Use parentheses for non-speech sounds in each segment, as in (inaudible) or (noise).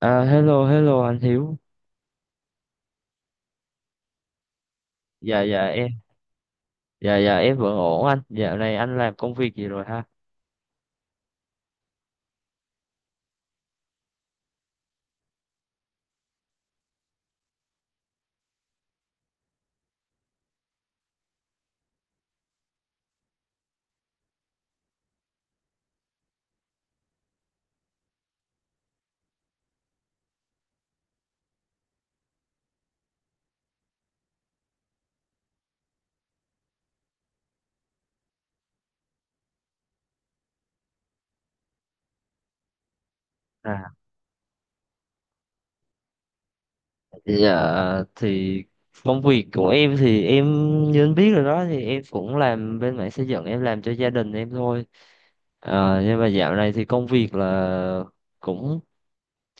Hello, hello anh Hiếu. Dạ, dạ em. Dạ, dạ em vẫn ổn anh. Dạo này anh làm công việc gì rồi ha? À, dạ, thì công việc của em thì em như anh biết rồi đó, thì em cũng làm bên mảng xây dựng, em làm cho gia đình em thôi. Ờ, nhưng mà dạo này thì công việc là cũng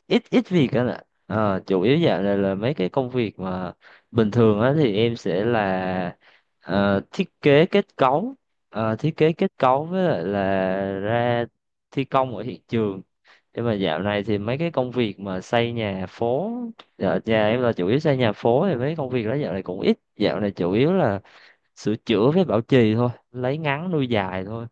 ít ít việc đó. Là Chủ yếu dạo này là mấy cái công việc mà bình thường á, thì em sẽ là thiết kế kết cấu. Ờ, thiết kế kết cấu với lại là ra thi công ở hiện trường. Nhưng mà dạo này thì mấy cái công việc mà xây nhà phố, dạ, nhà em là chủ yếu xây nhà phố, thì mấy công việc đó dạo này cũng ít. Dạo này chủ yếu là sửa chữa với bảo trì thôi, lấy ngắn nuôi dài thôi.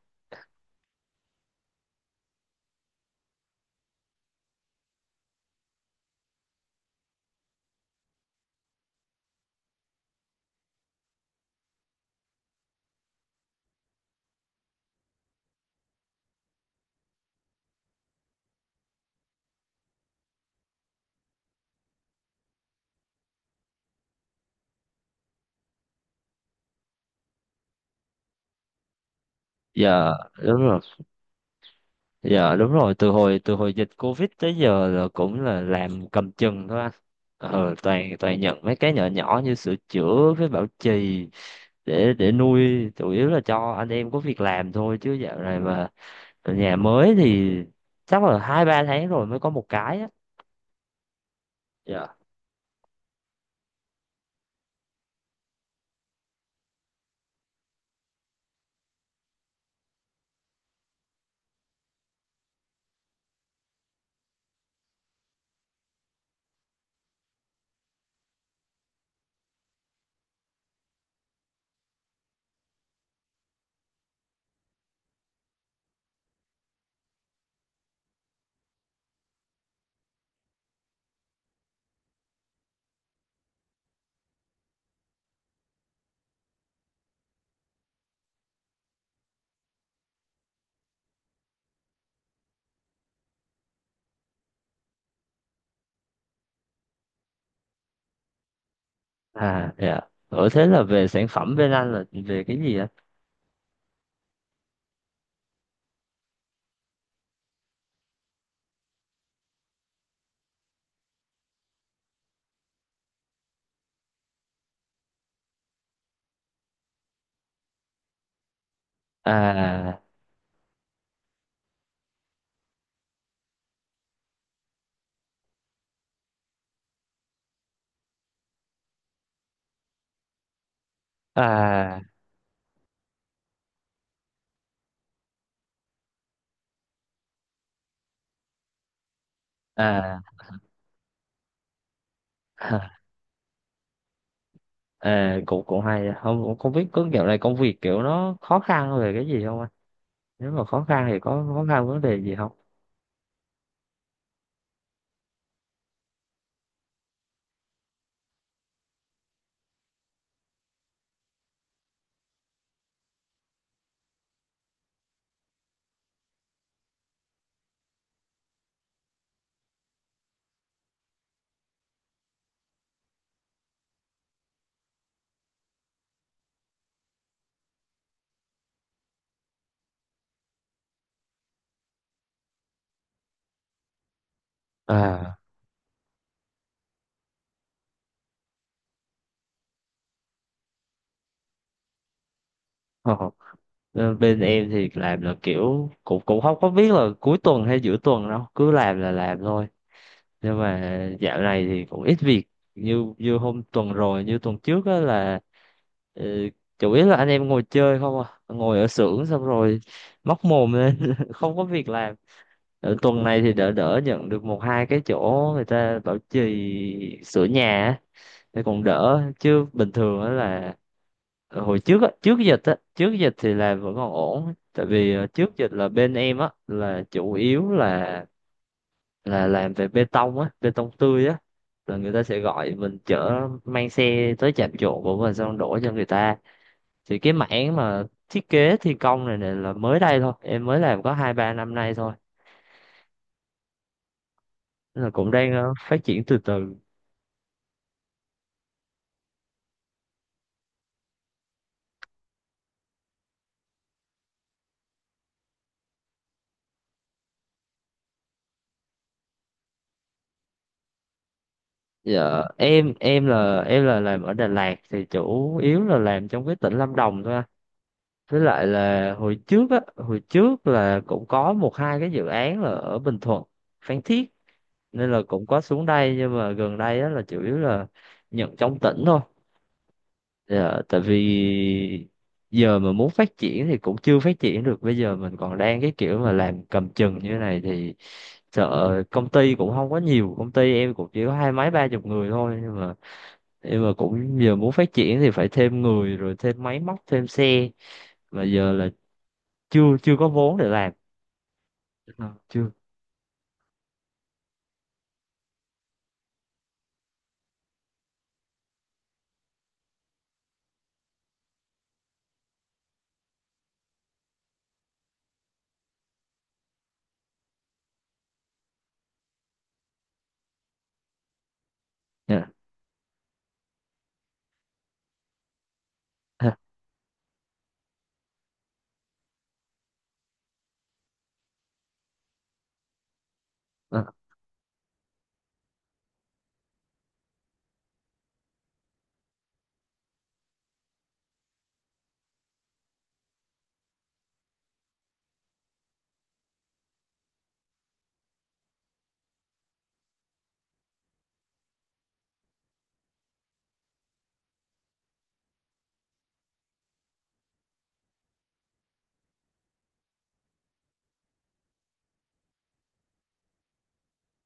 Dạ đúng rồi. Dạ đúng rồi, từ hồi dịch Covid tới giờ là cũng là làm cầm chừng thôi anh. Ờ, toàn toàn nhận mấy cái nhỏ nhỏ như sửa chữa với bảo trì để nuôi, chủ yếu là cho anh em có việc làm thôi, chứ dạo này mà nhà mới thì chắc là hai ba tháng rồi mới có một cái á. Dạ. À dạ. Ở thế là về sản phẩm bên anh là về cái gì ạ? À. à à à, à, cũng cũng hay. Không cũng không biết có dạo này công việc kiểu nó khó khăn về cái gì không anh? Nếu mà khó khăn thì có khó khăn vấn đề gì không? À. Ờ, ờ, bên em thì làm là kiểu cũng cũng không có biết là cuối tuần hay giữa tuần đâu, cứ làm là làm thôi. Nhưng mà dạo này thì cũng ít việc. Như như hôm tuần rồi, như tuần trước á là ờ, chủ yếu là anh em ngồi chơi không à, ngồi ở xưởng xong rồi móc mồm lên (laughs) không có việc làm. Ở tuần này thì đỡ, đỡ nhận được một hai cái chỗ người ta bảo trì sửa nhà á, thế còn đỡ. Chứ bình thường á là hồi trước á, trước dịch á, trước dịch thì là vẫn còn ổn. Tại vì trước dịch là bên em á là chủ yếu là làm về bê tông á, bê tông tươi á, là người ta sẽ gọi mình chở mang xe tới trạm trộn của mình xong đổ cho người ta. Thì cái mảng mà thiết kế thi công này, này là mới đây thôi, em mới làm có hai ba năm nay thôi. Nên là cũng đang phát triển từ từ. Dạ, em là em là làm ở Đà Lạt, thì chủ yếu là làm trong cái tỉnh Lâm Đồng thôi anh. Với lại là hồi trước á, hồi trước là cũng có một hai cái dự án là ở Bình Thuận, Phan Thiết, nên là cũng có xuống đây. Nhưng mà gần đây á là chủ yếu là nhận trong tỉnh thôi. Dạ, tại vì giờ mà muốn phát triển thì cũng chưa phát triển được. Bây giờ mình còn đang cái kiểu mà làm cầm chừng như thế này thì sợ. Công ty cũng không có nhiều, công ty em cũng chỉ có hai mấy ba chục người thôi. Nhưng mà cũng giờ muốn phát triển thì phải thêm người rồi thêm máy móc thêm xe, mà giờ là chưa chưa có vốn để làm. Ờ, chưa. Dạ. (laughs) Ờ,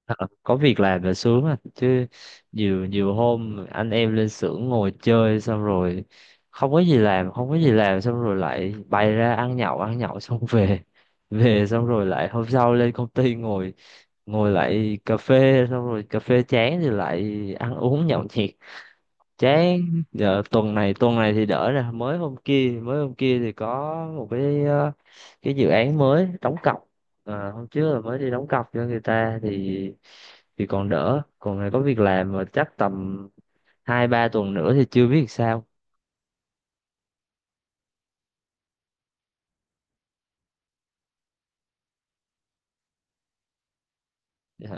ờ, ờ, có việc làm là sướng à chứ. Nhiều nhiều hôm anh em lên xưởng ngồi chơi xong rồi không có gì làm, không có gì làm xong rồi lại bay ra ăn nhậu, ăn nhậu (laughs) xong về. Về xong rồi lại hôm sau lên công ty ngồi, ngồi lại cà phê, xong rồi cà phê chán thì lại ăn uống nhậu nhẹt chán. Giờ tuần này, tuần này thì đỡ nè. Mới hôm kia, mới hôm kia thì có một cái cái dự án mới đóng cọc. À, hôm trước là mới đi đóng cọc cho người ta, thì còn đỡ, còn này có việc làm. Mà chắc tầm hai ba tuần nữa thì chưa biết sao. Dạ,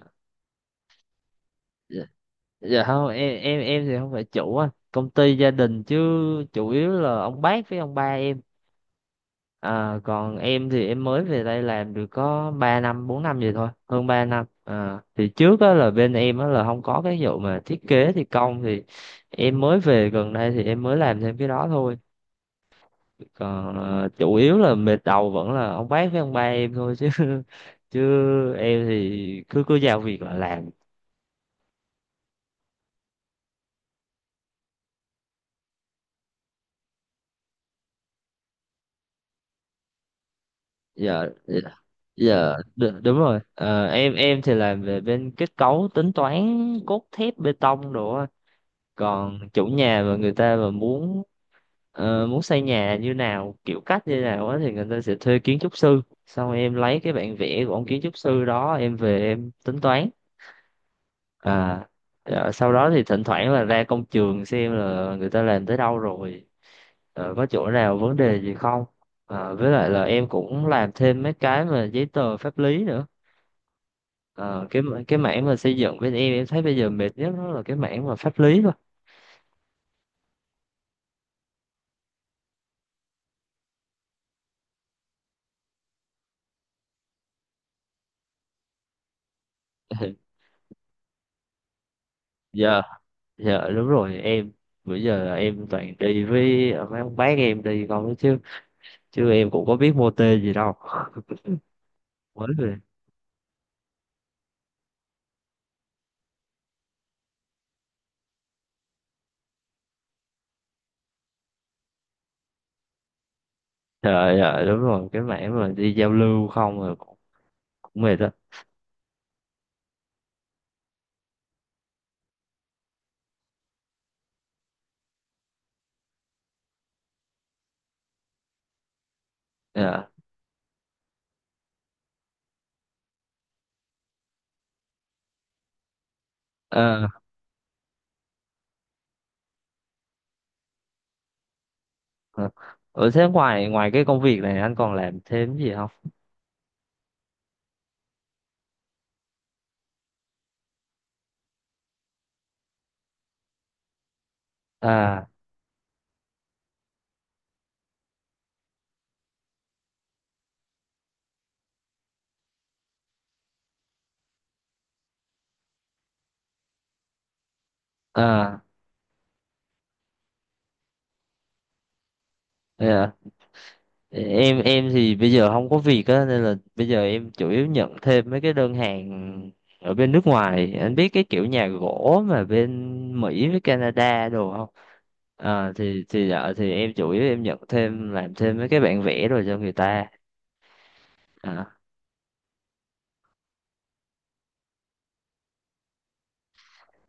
dạ. Dạ không, em thì không phải chủ á, công ty gia đình chứ. Chủ yếu là ông bác với ông ba em. Ờ, còn em thì em mới về đây làm được có 3 năm 4 năm gì thôi, hơn 3 năm. Ờ, thì trước á, là bên em á, là không có cái vụ mà thiết kế thi công thì em mới về gần đây thì em mới làm thêm cái đó thôi. Còn chủ yếu là mệt đầu vẫn là ông bác với ông ba em thôi chứ (laughs) chứ em thì cứ cứ giao việc là làm. Giờ giờ đ- Đúng rồi. Ờ, em thì làm về bên kết cấu, tính toán cốt thép bê tông đồ á. Còn chủ nhà mà người ta mà muốn muốn xây nhà như nào, kiểu cách như nào á, thì người ta sẽ thuê kiến trúc sư, xong em lấy cái bản vẽ của ông kiến trúc sư đó em về em tính toán. À. Ờ, sau đó thì thỉnh thoảng là ra công trường xem là người ta làm tới đâu rồi, có chỗ nào vấn đề gì không. Ờ, với lại là em cũng làm thêm mấy cái mà giấy tờ pháp lý nữa. Ờ, cái mảng mà xây dựng bên em thấy bây giờ mệt nhất đó là cái mảng mà pháp lý thôi. (laughs) Giờ. Dạ đúng rồi em. Bữa giờ là em toàn đi với mấy ông bác em đi con ấy chứ, chứ em cũng có biết mô tê gì đâu. (laughs) Mới rồi. Dạ, dạ đúng rồi, cái mảng mà đi giao lưu không rồi cũng, cũng mệt đó. Dạ. Ờ, ờ. Ở thế ngoài ngoài cái công việc này anh còn làm thêm gì không? À. À dạ, em thì bây giờ không có việc á, nên là bây giờ em chủ yếu nhận thêm mấy cái đơn hàng ở bên nước ngoài. Anh biết cái kiểu nhà gỗ mà bên Mỹ với Canada đồ không? À, thì dạ, thì em chủ yếu em nhận thêm làm thêm mấy cái bản vẽ rồi cho người ta. À,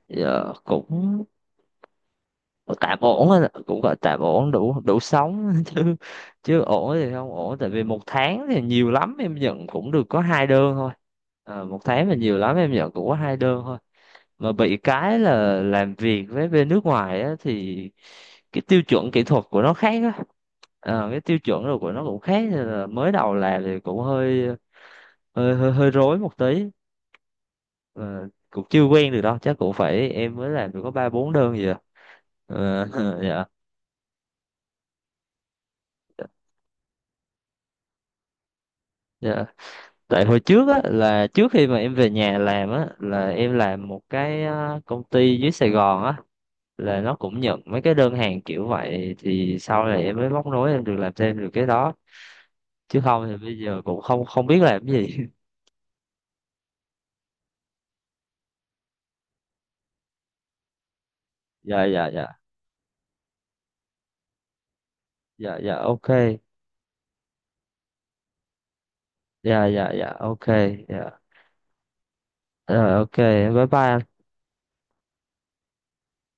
giờ cũng tạm ổn á, cũng gọi tạm ổn, đủ đủ sống (laughs) chứ. Chứ ổn thì không ổn, tại vì một tháng thì nhiều lắm em nhận cũng được có hai đơn thôi. À, một tháng mà nhiều lắm em nhận cũng có hai đơn thôi. Mà bị cái là làm việc với bên nước ngoài á thì cái tiêu chuẩn kỹ thuật của nó khác á. Ờ, cái tiêu chuẩn rồi của nó cũng khác, nên là mới đầu làm thì cũng hơi rối một tí. Ờ, cũng chưa quen được đâu, chắc cũng phải, em mới làm được có ba bốn đơn gì à. Ờ, (laughs) dạ, dạ, tại hồi trước á là trước khi mà em về nhà làm á là em làm một cái công ty dưới Sài Gòn á, là nó cũng nhận mấy cái đơn hàng kiểu vậy, thì sau này em mới móc nối em được làm thêm được cái đó. Chứ không thì bây giờ cũng không không biết làm cái gì. (laughs) Dạ, Dạ, dạ, ok. Dạ dạ dạ, ok. Dạ. Rồi, ok. Bye bye.